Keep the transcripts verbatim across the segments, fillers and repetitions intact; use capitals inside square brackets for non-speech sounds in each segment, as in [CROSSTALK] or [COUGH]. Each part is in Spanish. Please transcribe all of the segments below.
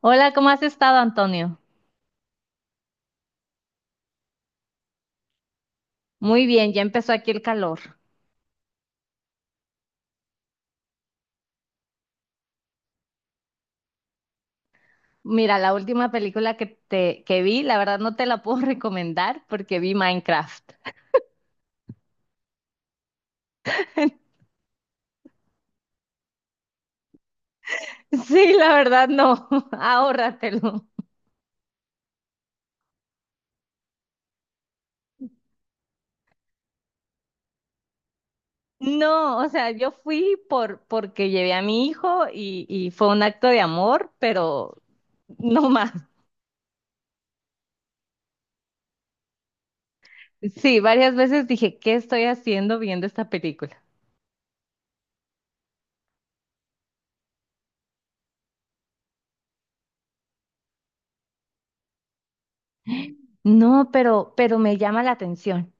Hola, ¿cómo has estado, Antonio? Muy bien, ya empezó aquí el calor. Mira, la última película que te que vi, la verdad no te la [LAUGHS] puedo recomendar porque vi Minecraft. [LAUGHS] Sí, la verdad no, [LAUGHS] ahórratelo. No, o sea, yo fui por porque llevé a mi hijo y, y fue un acto de amor, pero no más. Sí, varias veces dije, ¿qué estoy haciendo viendo esta película? No, pero, pero me llama la atención.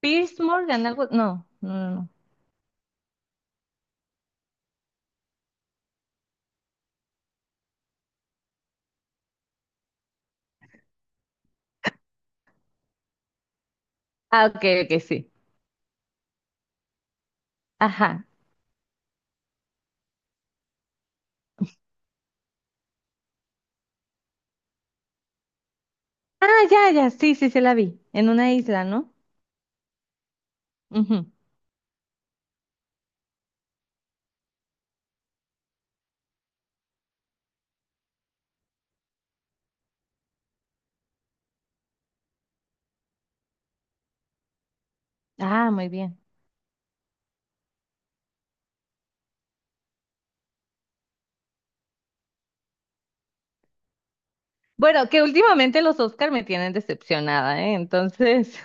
Piers Morgan, algo, no, no, no, no. Ah, ok, ok, sí. Ajá. Ah, ya, ya, sí, sí, se la vi, en una isla, ¿no? Ujú. Ah, muy bien. Bueno, que últimamente los Oscar me tienen decepcionada, ¿eh? Entonces,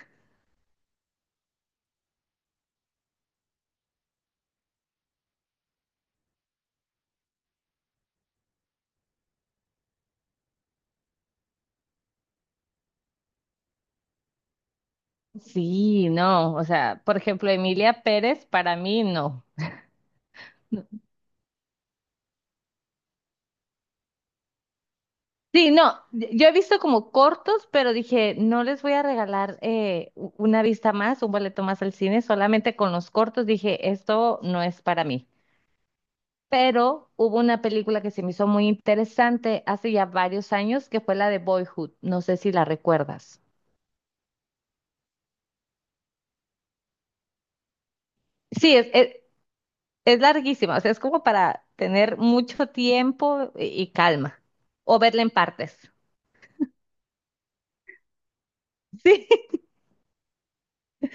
[LAUGHS] sí, no, o sea, por ejemplo, Emilia Pérez, para mí, no. No, sí, no, yo he visto como cortos, pero dije, no les voy a regalar eh, u- una vista más, un boleto más al cine. Solamente con los cortos dije, esto no es para mí. Pero hubo una película que se me hizo muy interesante hace ya varios años, que fue la de Boyhood. No sé si la recuerdas. Sí, es, es, es larguísima, o sea, es como para tener mucho tiempo y, y calma, o verla en partes. Sí,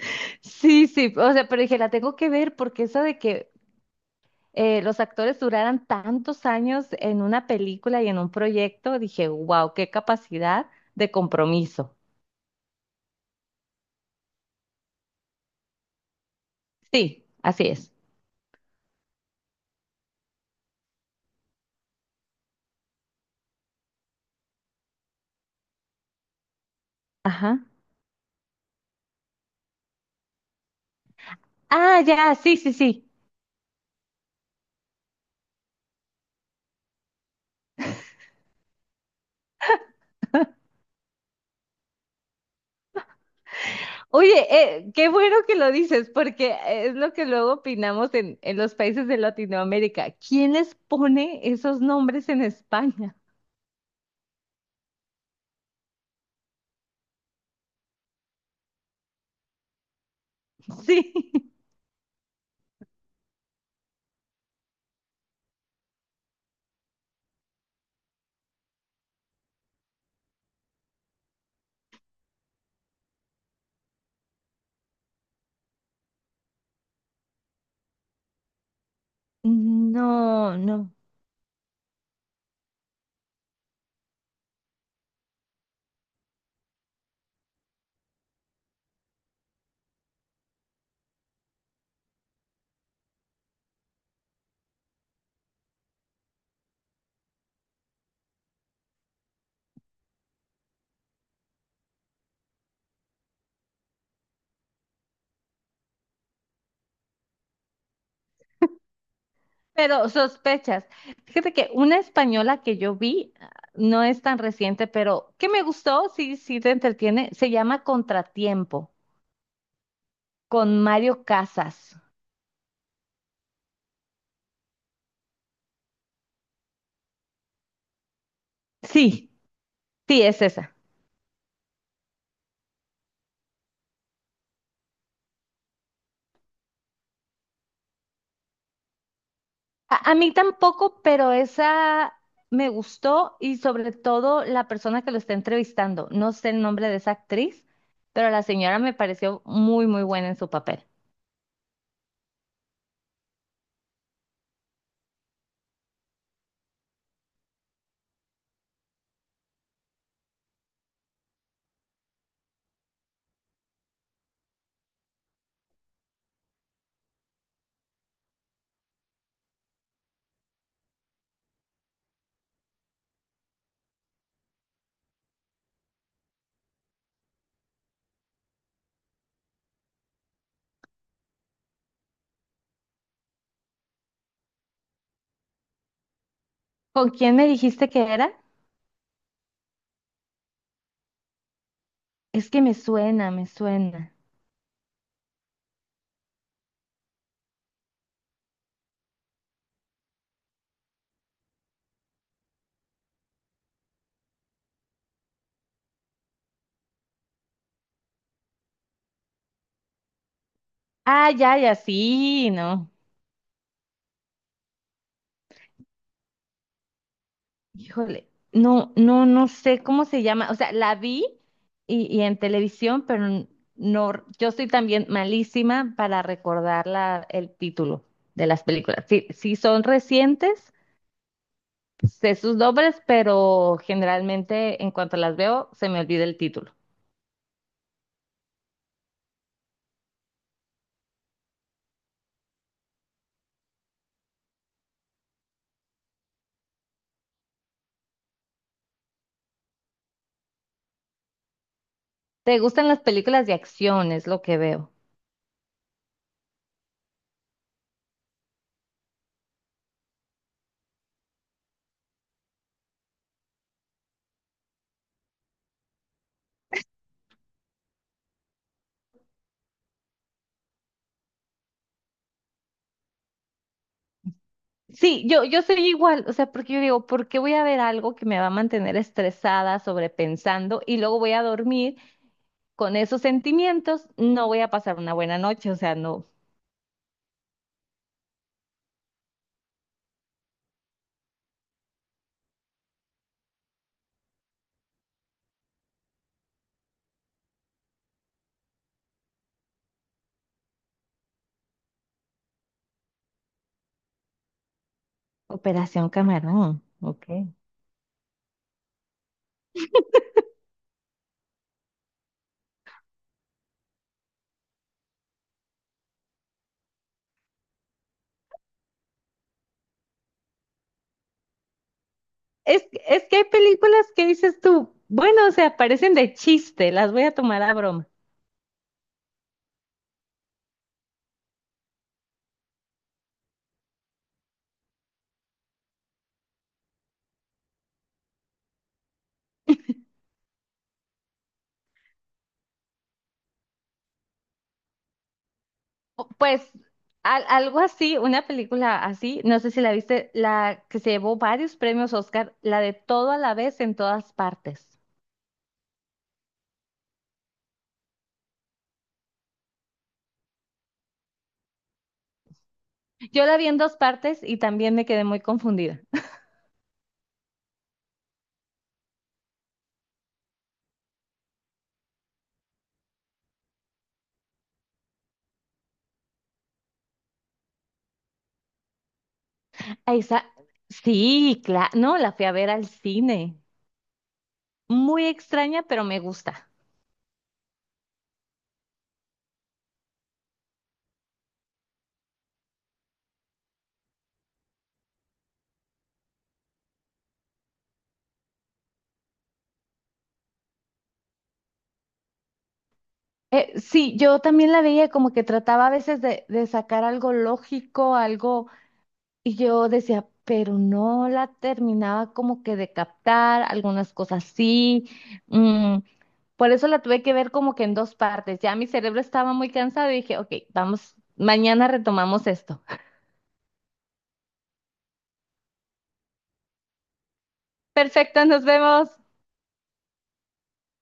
[LAUGHS] sí, sí, o sea, pero dije, la tengo que ver porque eso de que eh, los actores duraran tantos años en una película y en un proyecto, dije, wow, qué capacidad de compromiso. Sí, así es. Ajá. Ah, ya, sí, sí, sí. Oye, eh, qué bueno que lo dices, porque eh, es lo que luego opinamos en, en los países de Latinoamérica. ¿Quién les pone esos nombres en España? [LAUGHS] Sí. No, no. Pero sospechas. Fíjate que una española que yo vi, ah, no es tan reciente, pero que me gustó, sí, sí te entretiene, se llama Contratiempo, con Mario Casas. Sí, sí, es esa. A, a mí tampoco, pero esa me gustó, y sobre todo la persona que lo está entrevistando. No sé el nombre de esa actriz, pero la señora me pareció muy, muy buena en su papel. ¿Con quién me dijiste que era? Es que me suena, me suena. Ah, ya, ya, sí, ¿no? Híjole, no, no, no sé cómo se llama. O sea, la vi y, y en televisión, pero n- no, yo soy también malísima para recordar la- el título de las películas. Sí, sí son recientes, sé sus nombres, pero generalmente en cuanto las veo, se me olvida el título. ¿Te gustan las películas de acción? Es lo que veo. Sí, yo, yo soy igual, o sea, porque yo digo, ¿por qué voy a ver algo que me va a mantener estresada, sobrepensando, y luego voy a dormir? Con esos sentimientos no voy a pasar una buena noche, o sea, no. Operación Camarón, ok. Es, es que hay películas que dices tú, bueno, o sea, parecen de chiste, las voy a tomar a broma. O, pues al- algo así, una película así, no sé si la viste, la que se llevó varios premios Oscar, la de Todo a la vez en todas partes. Yo la vi en dos partes y también me quedé muy confundida. [LAUGHS] A esa, sí, claro, no, la fui a ver al cine. Muy extraña, pero me gusta. Eh, sí, yo también la veía como que trataba a veces de, de sacar algo lógico, algo, y yo decía, pero no la terminaba como que de captar, algunas cosas sí. mm, por eso la tuve que ver como que en dos partes. Ya mi cerebro estaba muy cansado y dije, ok, vamos, mañana retomamos esto. [LAUGHS] Perfecto, nos vemos.